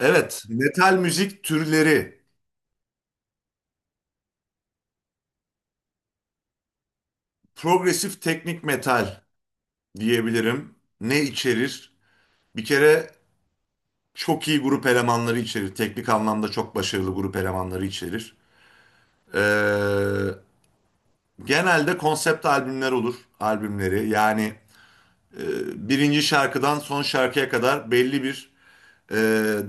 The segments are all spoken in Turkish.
Evet, metal müzik türleri. Progresif teknik metal diyebilirim. Ne içerir? Bir kere çok iyi grup elemanları içerir. Teknik anlamda çok başarılı grup elemanları içerir. Ee, Genelde konsept albümler olur, albümleri. Yani e, birinci şarkıdan son şarkıya kadar belli bir e,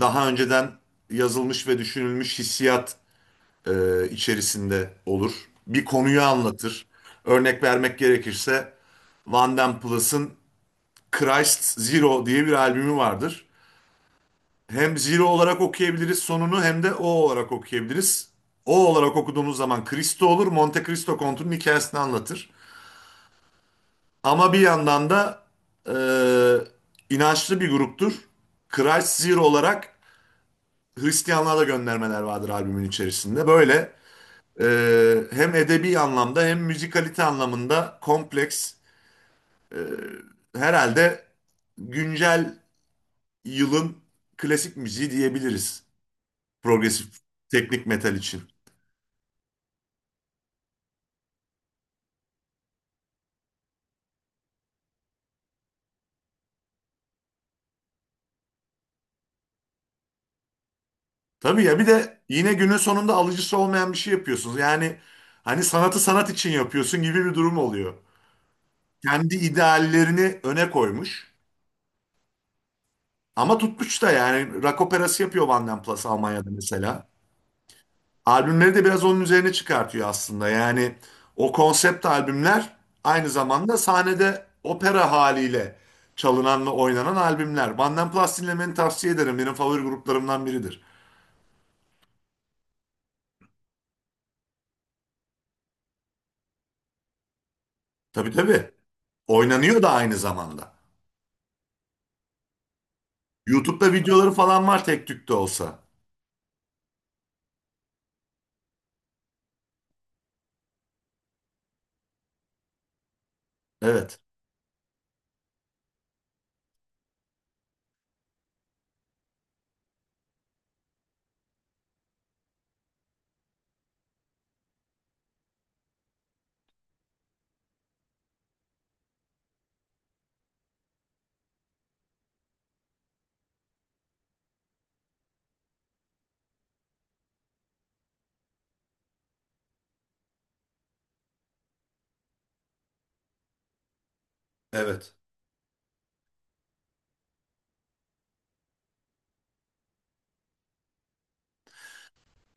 daha önceden yazılmış ve düşünülmüş hissiyat içerisinde olur. Bir konuyu anlatır. Örnek vermek gerekirse Van Damme Plus'ın Christ Zero diye bir albümü vardır. Hem Zero olarak okuyabiliriz sonunu hem de O olarak okuyabiliriz. O olarak okuduğumuz zaman Cristo olur. Monte Cristo Kontu'nun hikayesini anlatır. Ama bir yandan da e, inançlı bir gruptur. Christ Zero olarak Hristiyanlığa da göndermeler vardır albümün içerisinde. Böyle. Hem edebi anlamda hem müzikalite anlamında kompleks. e, Herhalde güncel yılın klasik müziği diyebiliriz. Progresif teknik metal için. Tabii ya, bir de yine günün sonunda alıcısı olmayan bir şey yapıyorsunuz. Yani hani sanatı sanat için yapıyorsun gibi bir durum oluyor. Kendi ideallerini öne koymuş. Ama tutmuş da, yani rock operası yapıyor Vanden Plas Almanya'da mesela. Albümleri de biraz onun üzerine çıkartıyor aslında. Yani o konsept albümler aynı zamanda sahnede opera haliyle çalınan ve oynanan albümler. Banden Plus dinlemeni tavsiye ederim. Benim favori gruplarımdan biridir. Tabii, tabii. Oynanıyor da aynı zamanda. YouTube'da videoları falan var tek tük de olsa. Evet, evet.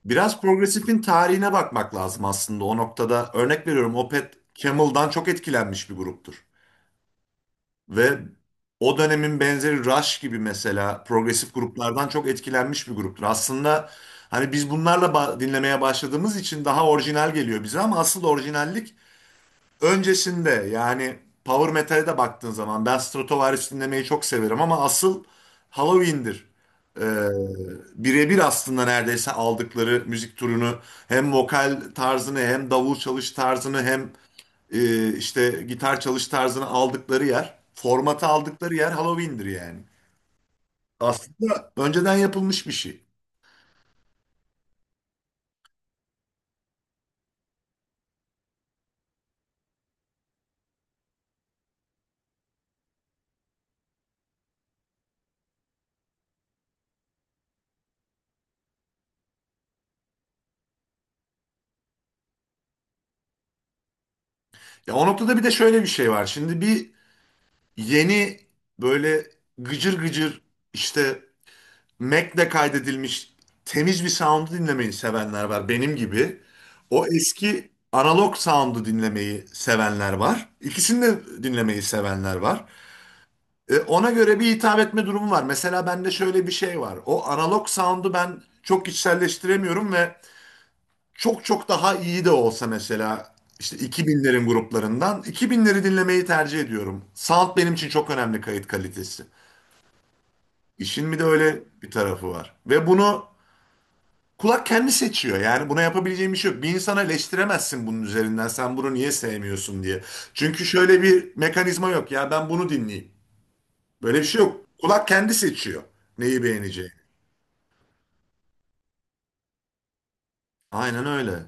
Biraz progresifin tarihine bakmak lazım aslında o noktada. Örnek veriyorum, Opeth Camel'dan çok etkilenmiş bir gruptur. Ve o dönemin benzeri Rush gibi mesela progresif gruplardan çok etkilenmiş bir gruptur. Aslında hani biz bunlarla dinlemeye başladığımız için daha orijinal geliyor bize ama asıl orijinallik öncesinde. Yani power metal'e de baktığın zaman ben Stratovarius dinlemeyi çok severim ama asıl Halloween'dir. Ee, Birebir aslında neredeyse aldıkları müzik türünü hem vokal tarzını hem davul çalış tarzını hem işte gitar çalış tarzını aldıkları yer, formatı aldıkları yer Halloween'dir yani. Aslında önceden yapılmış bir şey. Ya, o noktada bir de şöyle bir şey var. Şimdi bir yeni, böyle gıcır gıcır, işte Mac'le kaydedilmiş temiz bir sound'u dinlemeyi sevenler var benim gibi. O eski analog sound'u dinlemeyi sevenler var. İkisini de dinlemeyi sevenler var. E, ona göre bir hitap etme durumu var. Mesela bende şöyle bir şey var. O analog sound'u ben çok içselleştiremiyorum ve çok çok daha iyi de olsa mesela işte 2000'lerin gruplarından 2000'leri dinlemeyi tercih ediyorum. Sound benim için çok önemli, kayıt kalitesi. İşin bir de öyle bir tarafı var. Ve bunu kulak kendi seçiyor. Yani buna yapabileceğim bir şey yok. Bir insana eleştiremezsin bunun üzerinden. Sen bunu niye sevmiyorsun diye. Çünkü şöyle bir mekanizma yok. Ya ben bunu dinleyeyim. Böyle bir şey yok. Kulak kendi seçiyor neyi beğeneceğini. Aynen öyle.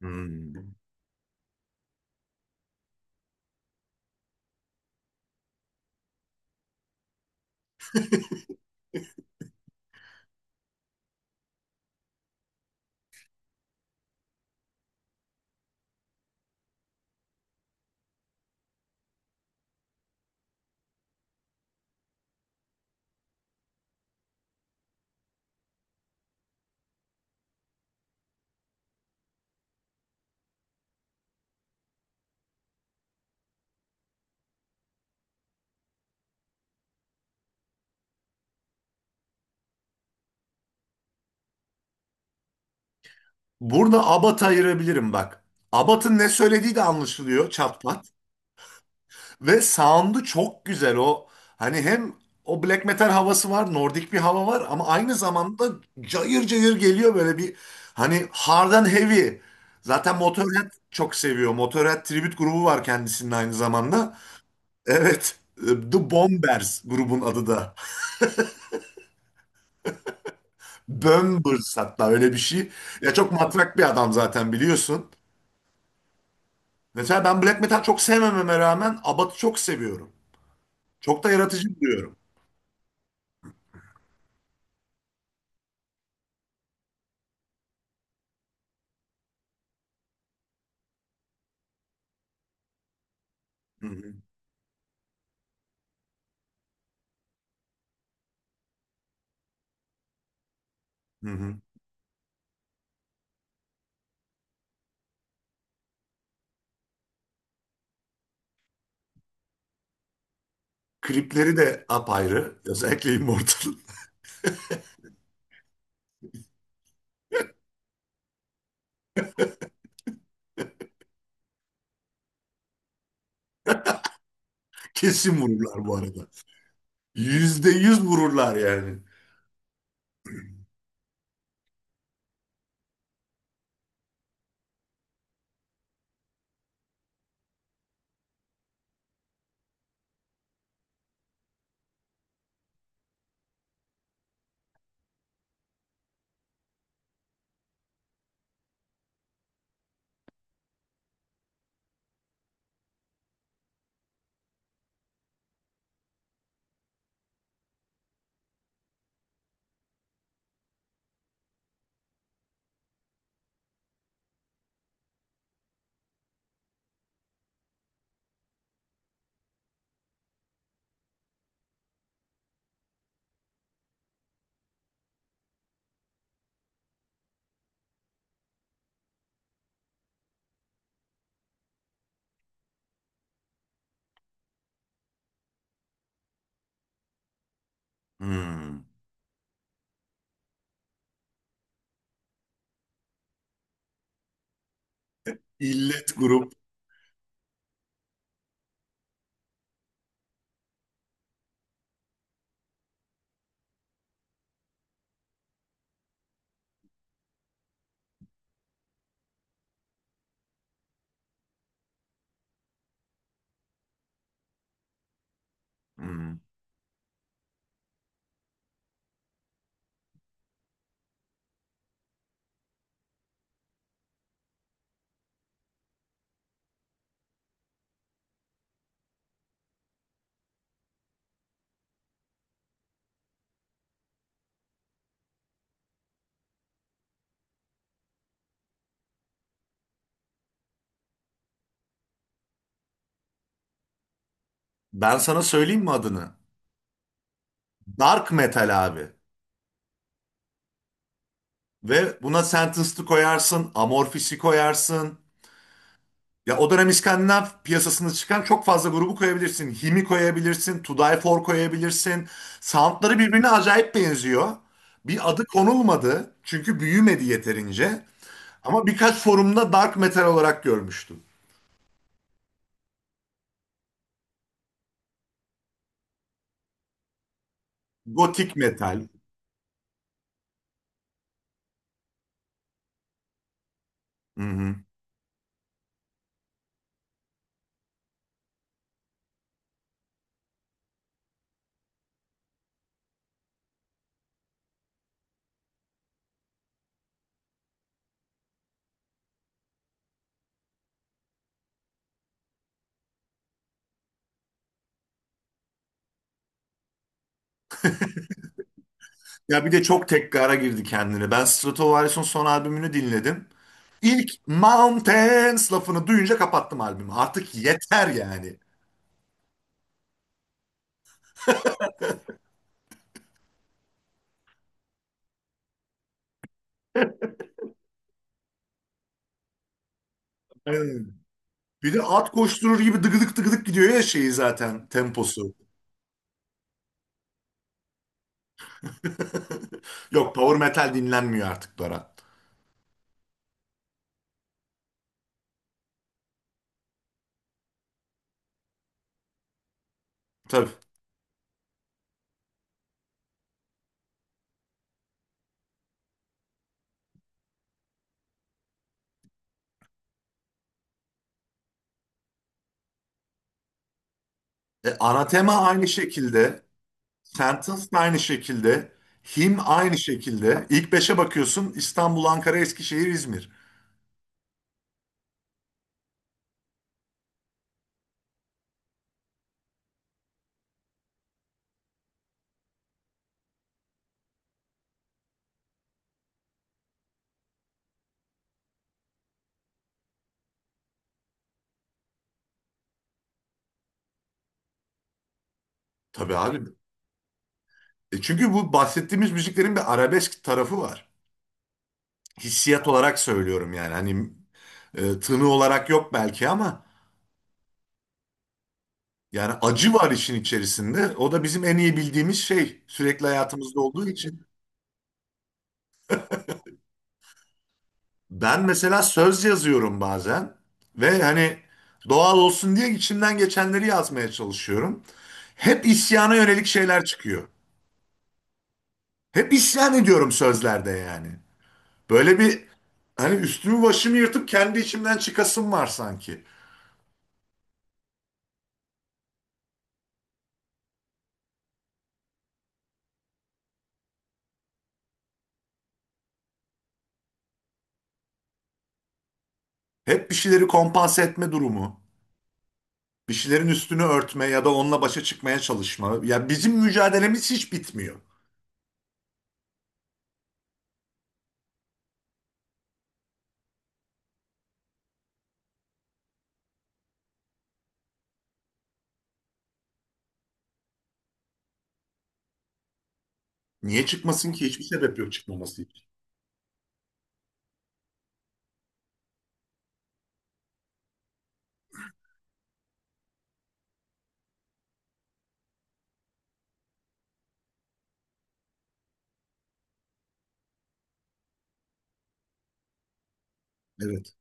Hmm. Burada Abat ayırabilirim bak. Abat'ın ne söylediği de anlaşılıyor çatpat. Ve sound'u çok güzel o. Hani hem o black metal havası var, nordik bir hava var ama aynı zamanda cayır cayır geliyor, böyle bir hani hard and heavy. Zaten Motorhead çok seviyor. Motorhead tribute grubu var kendisinin aynı zamanda. Evet. The Bombers grubun adı da. Bombers hatta öyle bir şey. Ya çok matrak bir adam zaten biliyorsun. Mesela ben black metal çok sevmememe rağmen Abbath'ı çok seviyorum. Çok da yaratıcı buluyorum. Hı hı, hı hı. Klipleri de apayrı. Özellikle Immortal. Kesin vururlar bu arada. Yüzde yüz vururlar yani. Hmm. İllet grup. Hmm. Ben sana söyleyeyim mi adını? Dark metal abi. Ve buna Sentenced'ı koyarsın, Amorphis'i koyarsın. Ya o dönem İskandinav piyasasında çıkan çok fazla grubu koyabilirsin. Himi koyabilirsin, To Die For koyabilirsin. Soundları birbirine acayip benziyor. Bir adı konulmadı çünkü büyümedi yeterince. Ama birkaç forumda dark metal olarak görmüştüm. Gotik metal. Hı hı. Ya bir de çok tekrara girdi kendine. Ben Stratovarius'un son albümünü dinledim. İlk Mountains lafını duyunca kapattım albümü. Artık yeter yani. Bir de at koşturur gibi dıgıdık dıgıdık gidiyor ya, şeyi zaten temposu. Yok, power metal dinlenmiyor artık Berat. Tabii. E, Anathema aynı şekilde. Sentence de aynı şekilde. Him aynı şekilde. İlk beşe bakıyorsun İstanbul, Ankara, Eskişehir, İzmir. Tabii abi. E, çünkü bu bahsettiğimiz müziklerin bir arabesk tarafı var. Hissiyat olarak söylüyorum yani. Hani tını olarak yok belki ama yani acı var işin içerisinde. O da bizim en iyi bildiğimiz şey, sürekli hayatımızda olduğu için. Ben mesela söz yazıyorum bazen, ve hani doğal olsun diye içimden geçenleri yazmaya çalışıyorum. Hep isyana yönelik şeyler çıkıyor. Hep isyan ediyorum sözlerde yani. Böyle bir hani üstümü başımı yırtıp kendi içimden çıkasım var sanki. Hep bir şeyleri kompanse etme durumu. Bir şeylerin üstünü örtme ya da onunla başa çıkmaya çalışma. Ya bizim mücadelemiz hiç bitmiyor. Niye çıkmasın ki? Hiçbir sebep yok çıkmaması için. Evet.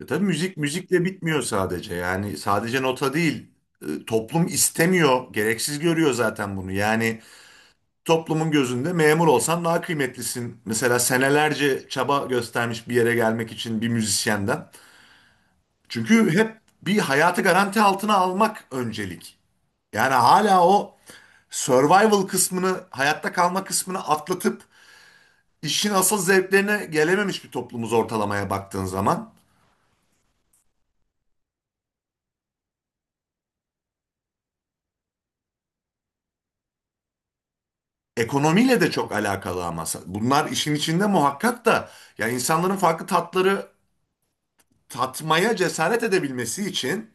E tabii müzik müzikle bitmiyor sadece. Yani sadece nota değil. E, toplum istemiyor, gereksiz görüyor zaten bunu. Yani toplumun gözünde memur olsan daha kıymetlisin mesela, senelerce çaba göstermiş bir yere gelmek için bir müzisyenden. Çünkü hep bir hayatı garanti altına almak öncelik. Yani hala o survival kısmını, hayatta kalma kısmını atlatıp işin asıl zevklerine gelememiş bir toplumuz, ortalamaya baktığın zaman. Ekonomiyle de çok alakalı ama bunlar işin içinde muhakkak da, ya insanların farklı tatları tatmaya cesaret edebilmesi için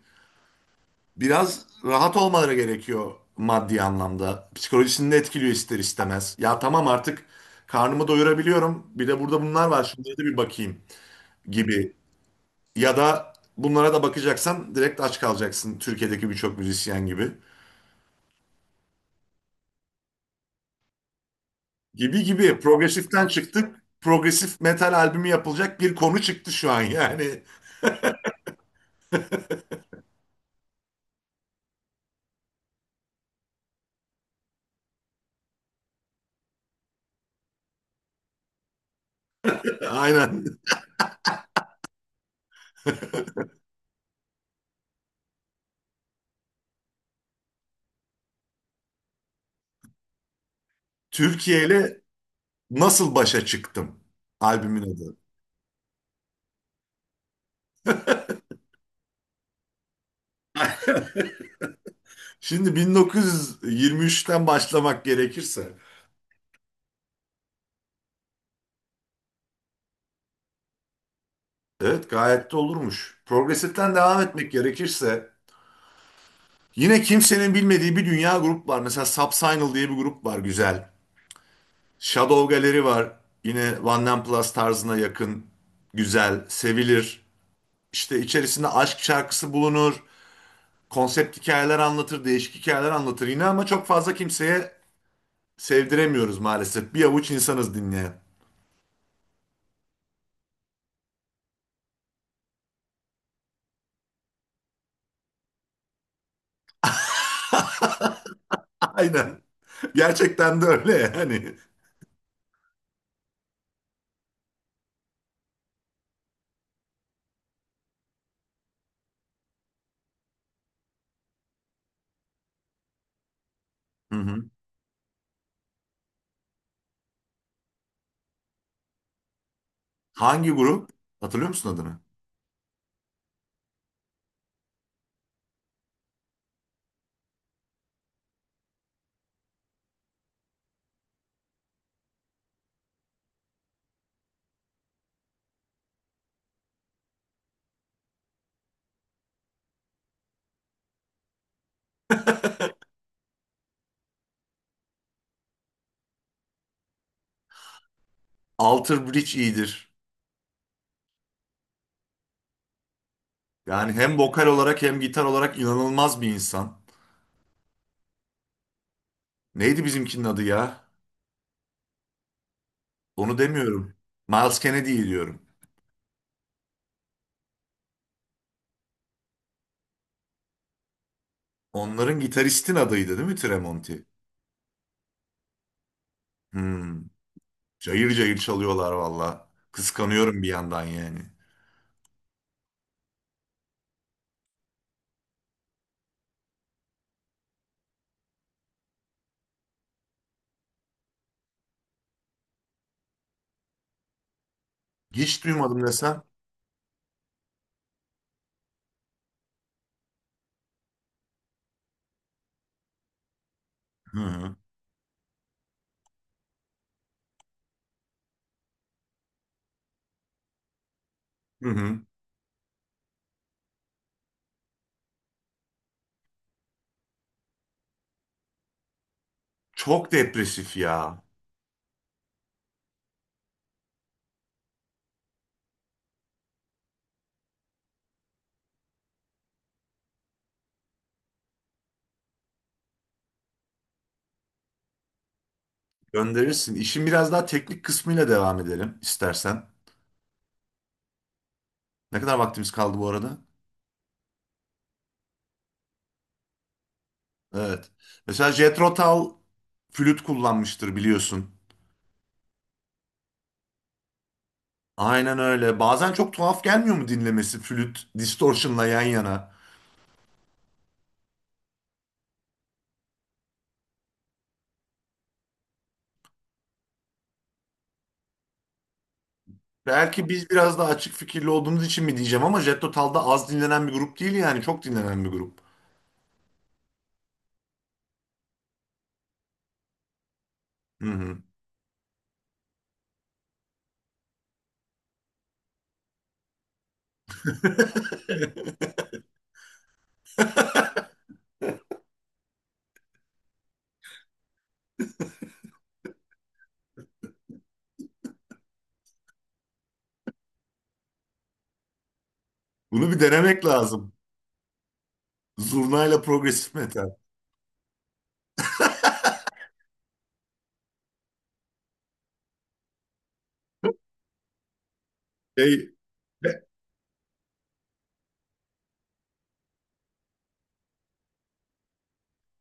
biraz rahat olmaları gerekiyor maddi anlamda. Psikolojisini de etkiliyor ister istemez. Ya tamam, artık karnımı doyurabiliyorum. Bir de burada bunlar var. Şunlara da bir bakayım gibi. Ya da bunlara da bakacaksan direkt aç kalacaksın Türkiye'deki birçok müzisyen gibi. Gibi gibi progresiften çıktık. Progresif metal albümü yapılacak bir konu çıktı şu an yani. Aynen. Türkiye ile Nasıl Başa Çıktım albümün adı. Şimdi 1923'ten başlamak gerekirse, evet gayet de olurmuş. Progresif'ten devam etmek gerekirse, yine kimsenin bilmediği bir dünya grup var. Mesela Subsignal diye bir grup var, güzel. Shadow Gallery var, yine Van Nine Plus tarzına yakın, güzel, sevilir. İşte içerisinde aşk şarkısı bulunur, konsept hikayeler anlatır, değişik hikayeler anlatır yine ama çok fazla kimseye sevdiremiyoruz maalesef. Bir avuç insanız dinleyen. Aynen. Gerçekten de öyle yani. Hı hı. Hangi grup? Hatırlıyor musun adını? Alter Bridge iyidir. Yani hem vokal olarak hem gitar olarak inanılmaz bir insan. Neydi bizimkinin adı ya? Onu demiyorum. Miles Kennedy'yi diyorum. Onların gitaristin adıydı değil mi, Tremonti? Hmm. Cayır cayır çalıyorlar valla. Kıskanıyorum bir yandan yani. Hiç duymadım desem. Hı hı. Hı hı. Çok depresif ya. Gönderirsin. İşin biraz daha teknik kısmıyla devam edelim istersen. Ne kadar vaktimiz kaldı bu arada? Evet. Mesela Jethro Tull flüt kullanmıştır biliyorsun. Aynen öyle. Bazen çok tuhaf gelmiyor mu dinlemesi, flüt distortion'la yan yana? Belki biz biraz daha açık fikirli olduğumuz için mi diyeceğim ama Jethro Tull da az dinlenen bir grup değil, yani çok dinlenen bir grup. Hı hı. Bunu bir denemek lazım. Zurnayla progresif metal. Şey, He-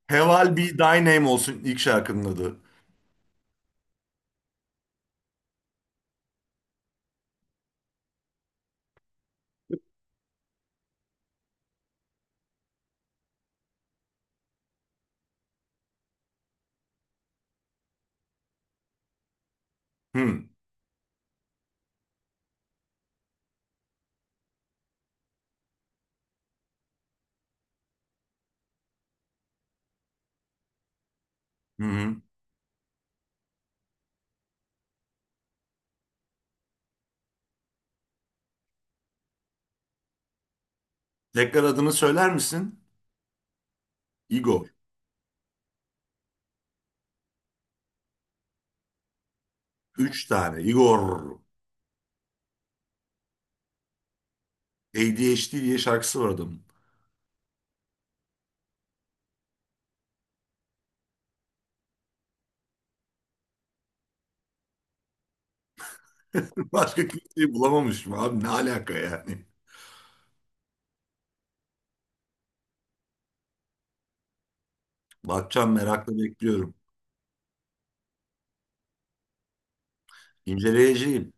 Heval Be Thy Name olsun ilk şarkının adı. Hmm. Hı hı. Tekrar adını söyler misin? Igor. Üç tane. Igor. ADHD diye şarkısı var adamın. Başka kimseyi bulamamışım abi. Ne alaka yani? Bakacağım, merakla bekliyorum. İnceleyeceğim.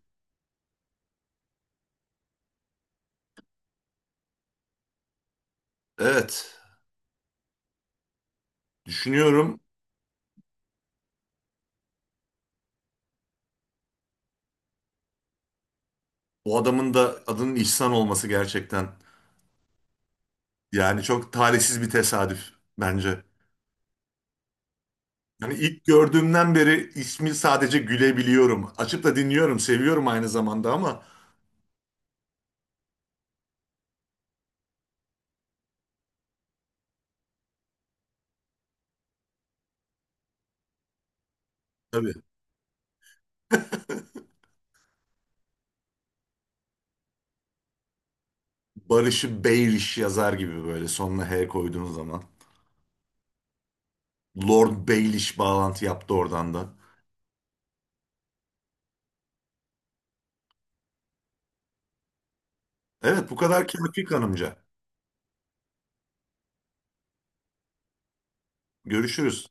Evet. Düşünüyorum. Bu adamın da adının İhsan olması gerçekten. Yani çok talihsiz bir tesadüf bence. Yani ilk gördüğümden beri ismi sadece gülebiliyorum. Açıp da dinliyorum, seviyorum aynı zamanda ama tabii. Barış'ı Baelish yazar gibi, böyle sonuna H koyduğun zaman. Lord Baelish bağlantı yaptı oradan da. Evet, bu kadar kâfi kanımca. Görüşürüz.